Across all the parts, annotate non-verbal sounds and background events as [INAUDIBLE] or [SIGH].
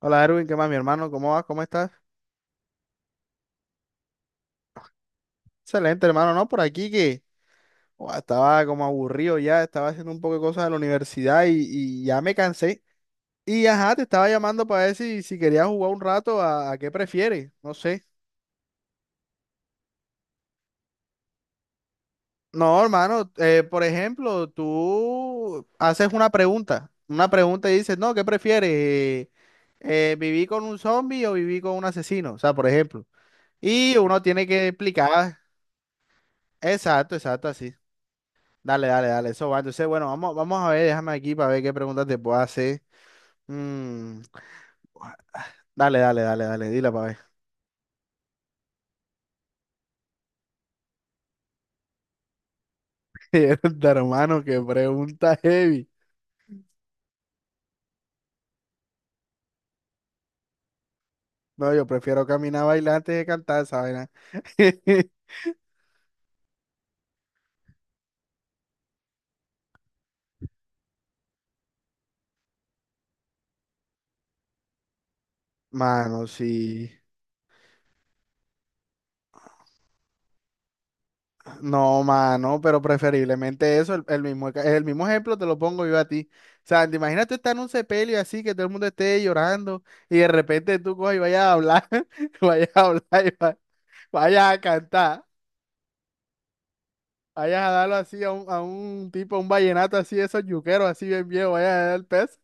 Hola Erwin, ¿qué más, mi hermano? ¿Cómo vas? ¿Cómo estás? Excelente, hermano, ¿no? Por aquí que ua, estaba como aburrido ya, estaba haciendo un poco de cosas de la universidad y ya me cansé. Y ajá, te estaba llamando para ver si querías jugar un rato a qué prefieres, no sé. No, hermano, por ejemplo, tú haces una pregunta y dices, no, ¿qué prefieres? ¿Viví con un zombie o viví con un asesino? O sea, por ejemplo. Y uno tiene que explicar, exacto, exacto, así. Dale, dale, dale, eso va. Entonces, bueno, vamos a ver, déjame aquí para ver qué preguntas te puedo hacer. Mm, dale, dale, dale, dale, dila para ver. [LAUGHS] De hermano, qué pregunta heavy. No, yo prefiero caminar a bailar antes de cantar esa vaina. [LAUGHS] Mano, sí. No, mano, pero preferiblemente eso, el mismo ejemplo te lo pongo yo a ti. O sea, te imaginas tú estar en un sepelio así, que todo el mundo esté llorando y de repente tú coges y vayas a hablar, [LAUGHS] vayas a hablar vayas a cantar. Vayas a darlo así a un, tipo, a un vallenato así, de esos yuqueros así bien viejo, vayas a dar el pez.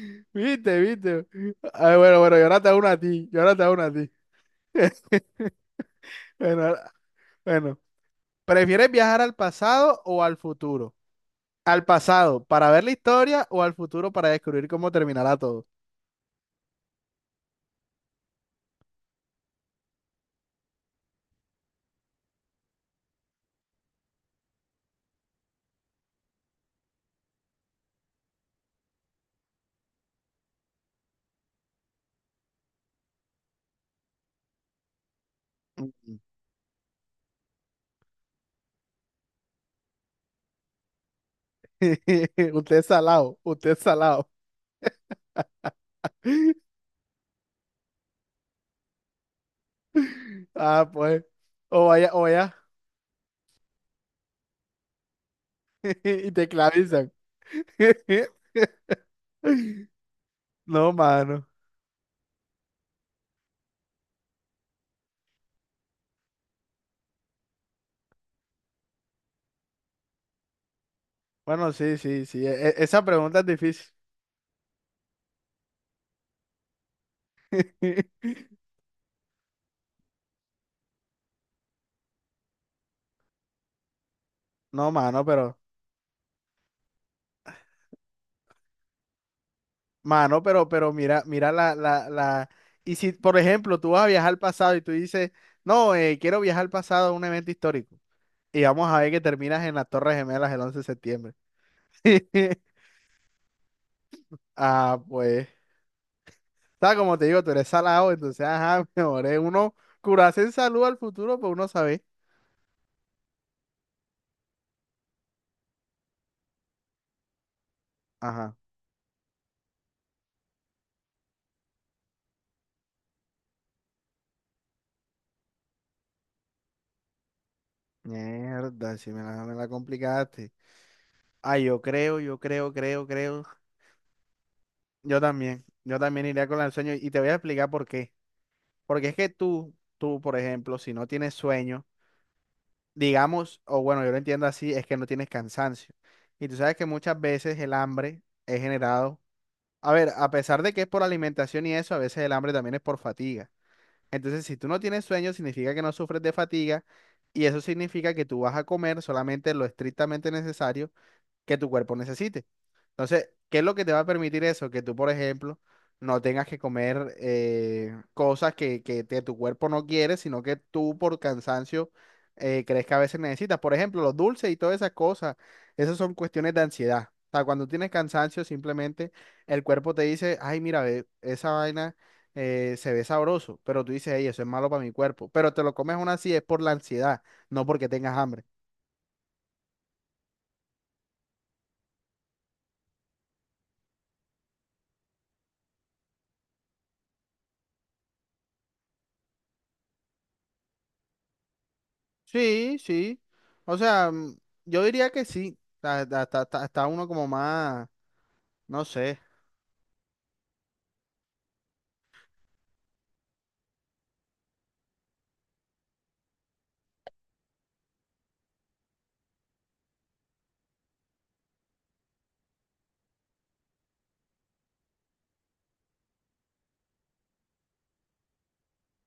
[LAUGHS] Viste, viste. Ay, bueno, bueno, yo ahora te hago una a ti, yo ahora te hago una a ti. [LAUGHS] Bueno, ahora- bueno. ¿Prefieres viajar al pasado o al futuro? ¿Al pasado para ver la historia o al futuro para descubrir cómo terminará todo? Mm. [LAUGHS] Usted es salado, usted es salado. [LAUGHS] Ah, pues. O vaya, [LAUGHS] y te clavizan. [LAUGHS] No, mano. Bueno, sí, sí, sí. Esa pregunta es difícil. [LAUGHS] No, mano, pero mira la. Y si, por ejemplo, tú vas a viajar al pasado y tú dices, no, quiero viajar al pasado a un evento histórico. Y vamos a ver que terminas en las Torres Gemelas el 11 de septiembre. [LAUGHS] Ah, pues. Está como te digo, tú eres salado, entonces, ajá, [LAUGHS] mejor es uno curarse en salud al futuro, pues uno sabe. Ajá. Mierda, si me la complicaste. Ah, yo creo. Yo también iría con el sueño y te voy a explicar por qué. Porque es que tú, por ejemplo, si no tienes sueño, digamos, o bueno, yo lo entiendo así, es que no tienes cansancio. Y tú sabes que muchas veces el hambre es generado, a ver, a pesar de que es por alimentación y eso, a veces el hambre también es por fatiga. Entonces, si tú no tienes sueño, significa que no sufres de fatiga y eso significa que tú vas a comer solamente lo estrictamente necesario que tu cuerpo necesite. Entonces, ¿qué es lo que te va a permitir eso? Que tú, por ejemplo, no tengas que comer cosas que tu cuerpo no quiere, sino que tú por cansancio crees que a veces necesitas. Por ejemplo, los dulces y todas esas cosas, esas son cuestiones de ansiedad. O sea, cuando tienes cansancio, simplemente el cuerpo te dice, ay, mira, ve, esa vaina se ve sabroso, pero tú dices, ey, eso es malo para mi cuerpo. Pero te lo comes aún así, es por la ansiedad, no porque tengas hambre. Sí, sí. O sea, yo diría que sí. Está uno como más, no sé.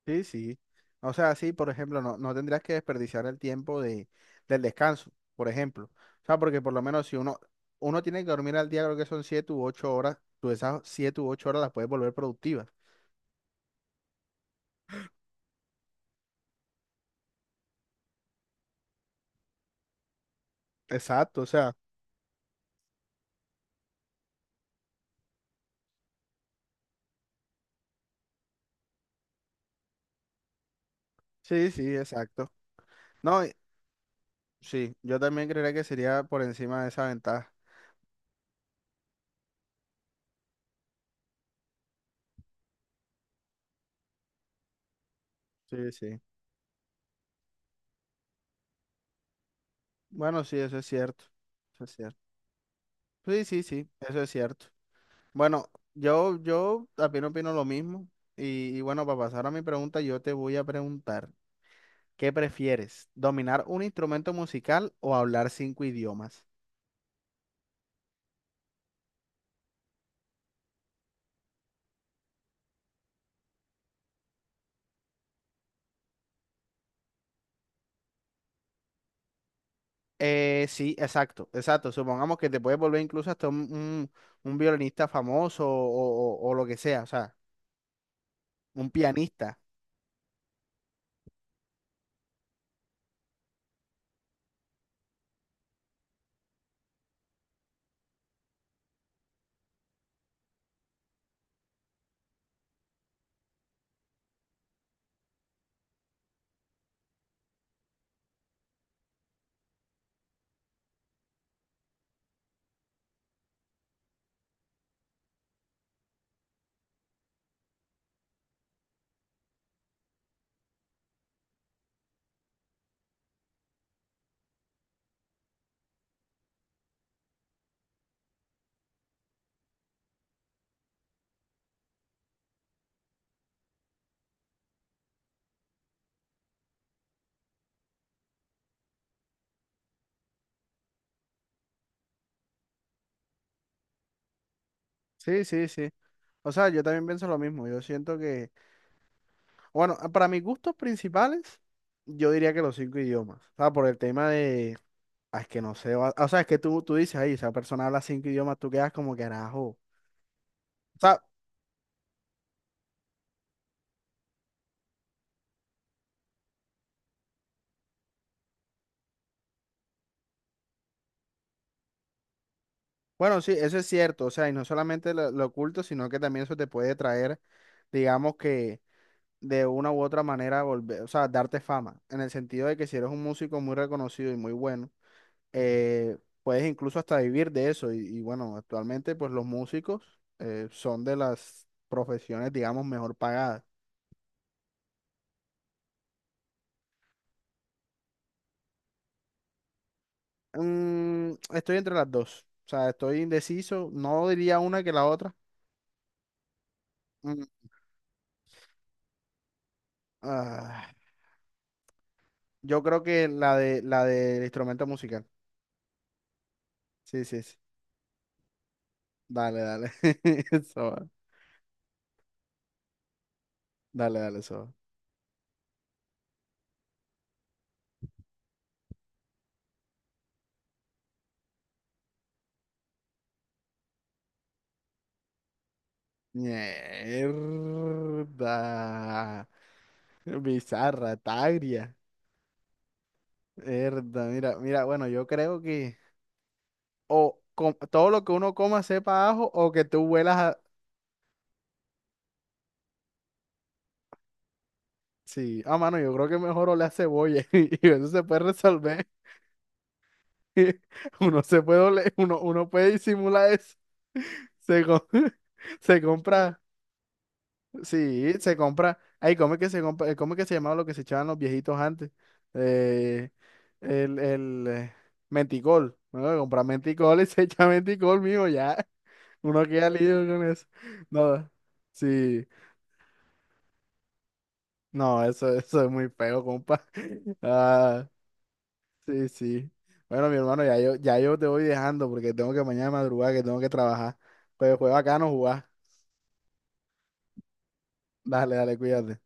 Sí, sí. O sea, sí, por ejemplo, no tendrías que desperdiciar el tiempo del descanso, por ejemplo. O sea, porque por lo menos si uno tiene que dormir al día, creo que son 7 u 8 horas, tú esas 7 u 8 horas las puedes volver productivas. Exacto, o sea. Sí, sí, exacto. No, sí, yo también creería que sería por encima de esa ventaja. Sí, sí. Bueno, sí, eso es cierto. Eso es cierto. Sí, sí, sí, eso es cierto. Bueno, yo también opino lo mismo. Y bueno, para pasar a mi pregunta, yo te voy a preguntar, ¿qué prefieres? ¿Dominar un instrumento musical o hablar cinco idiomas? Sí, exacto, exacto. Supongamos que te puedes volver incluso hasta un violinista famoso o lo que sea, o sea, un pianista. Sí, sí, sí. O sea, yo también pienso lo mismo. Yo siento que, bueno, para mis gustos principales, yo diría que los cinco idiomas. O sea, por el tema de... Ah, es que no sé, o sea, es que tú dices, ahí, esa persona habla cinco idiomas, tú quedas como que carajo. O sea, bueno, sí, eso es cierto, o sea, y no solamente lo oculto, sino que también eso te puede traer, digamos que de una u otra manera volver, o sea, darte fama, en el sentido de que si eres un músico muy reconocido y muy bueno, eh, puedes incluso hasta vivir de eso, y bueno, actualmente pues los músicos son de las profesiones, digamos, mejor pagadas. Estoy entre las dos. O sea, estoy indeciso. No diría una que la otra. Mm, ah, yo creo que la de la del instrumento musical. Sí, sí, sí. Dale, dale. [LAUGHS] Eso va. Dale, dale, eso va. Mierda. Bizarra, tagria. Mierda, mira, mira, bueno, yo creo que o todo lo que uno coma sepa a ajo o que tú huelas a... Sí, ah, mano, yo creo que mejor oler a cebolla [LAUGHS] y eso se puede resolver. [LAUGHS] Uno se puede, ole- uno, uno puede disimular eso. Se, co- [LAUGHS] Se compra, sí, se compra. Ay, ¿cómo es que se compra? ¿Cómo es que se llamaba lo que se echaban los viejitos antes? Eh, el menticol. Bueno, compra menticol y [LAUGHS] se echa menticol, mío, ya. Uno queda libre con eso. No, sí. No, eso es muy feo, compa. [LAUGHS] Ah. Sí, sí. Bueno, mi hermano, ya yo te voy dejando porque tengo que mañana madrugar, que tengo que trabajar. Pues fue bacano jugar. Dale, dale, cuídate.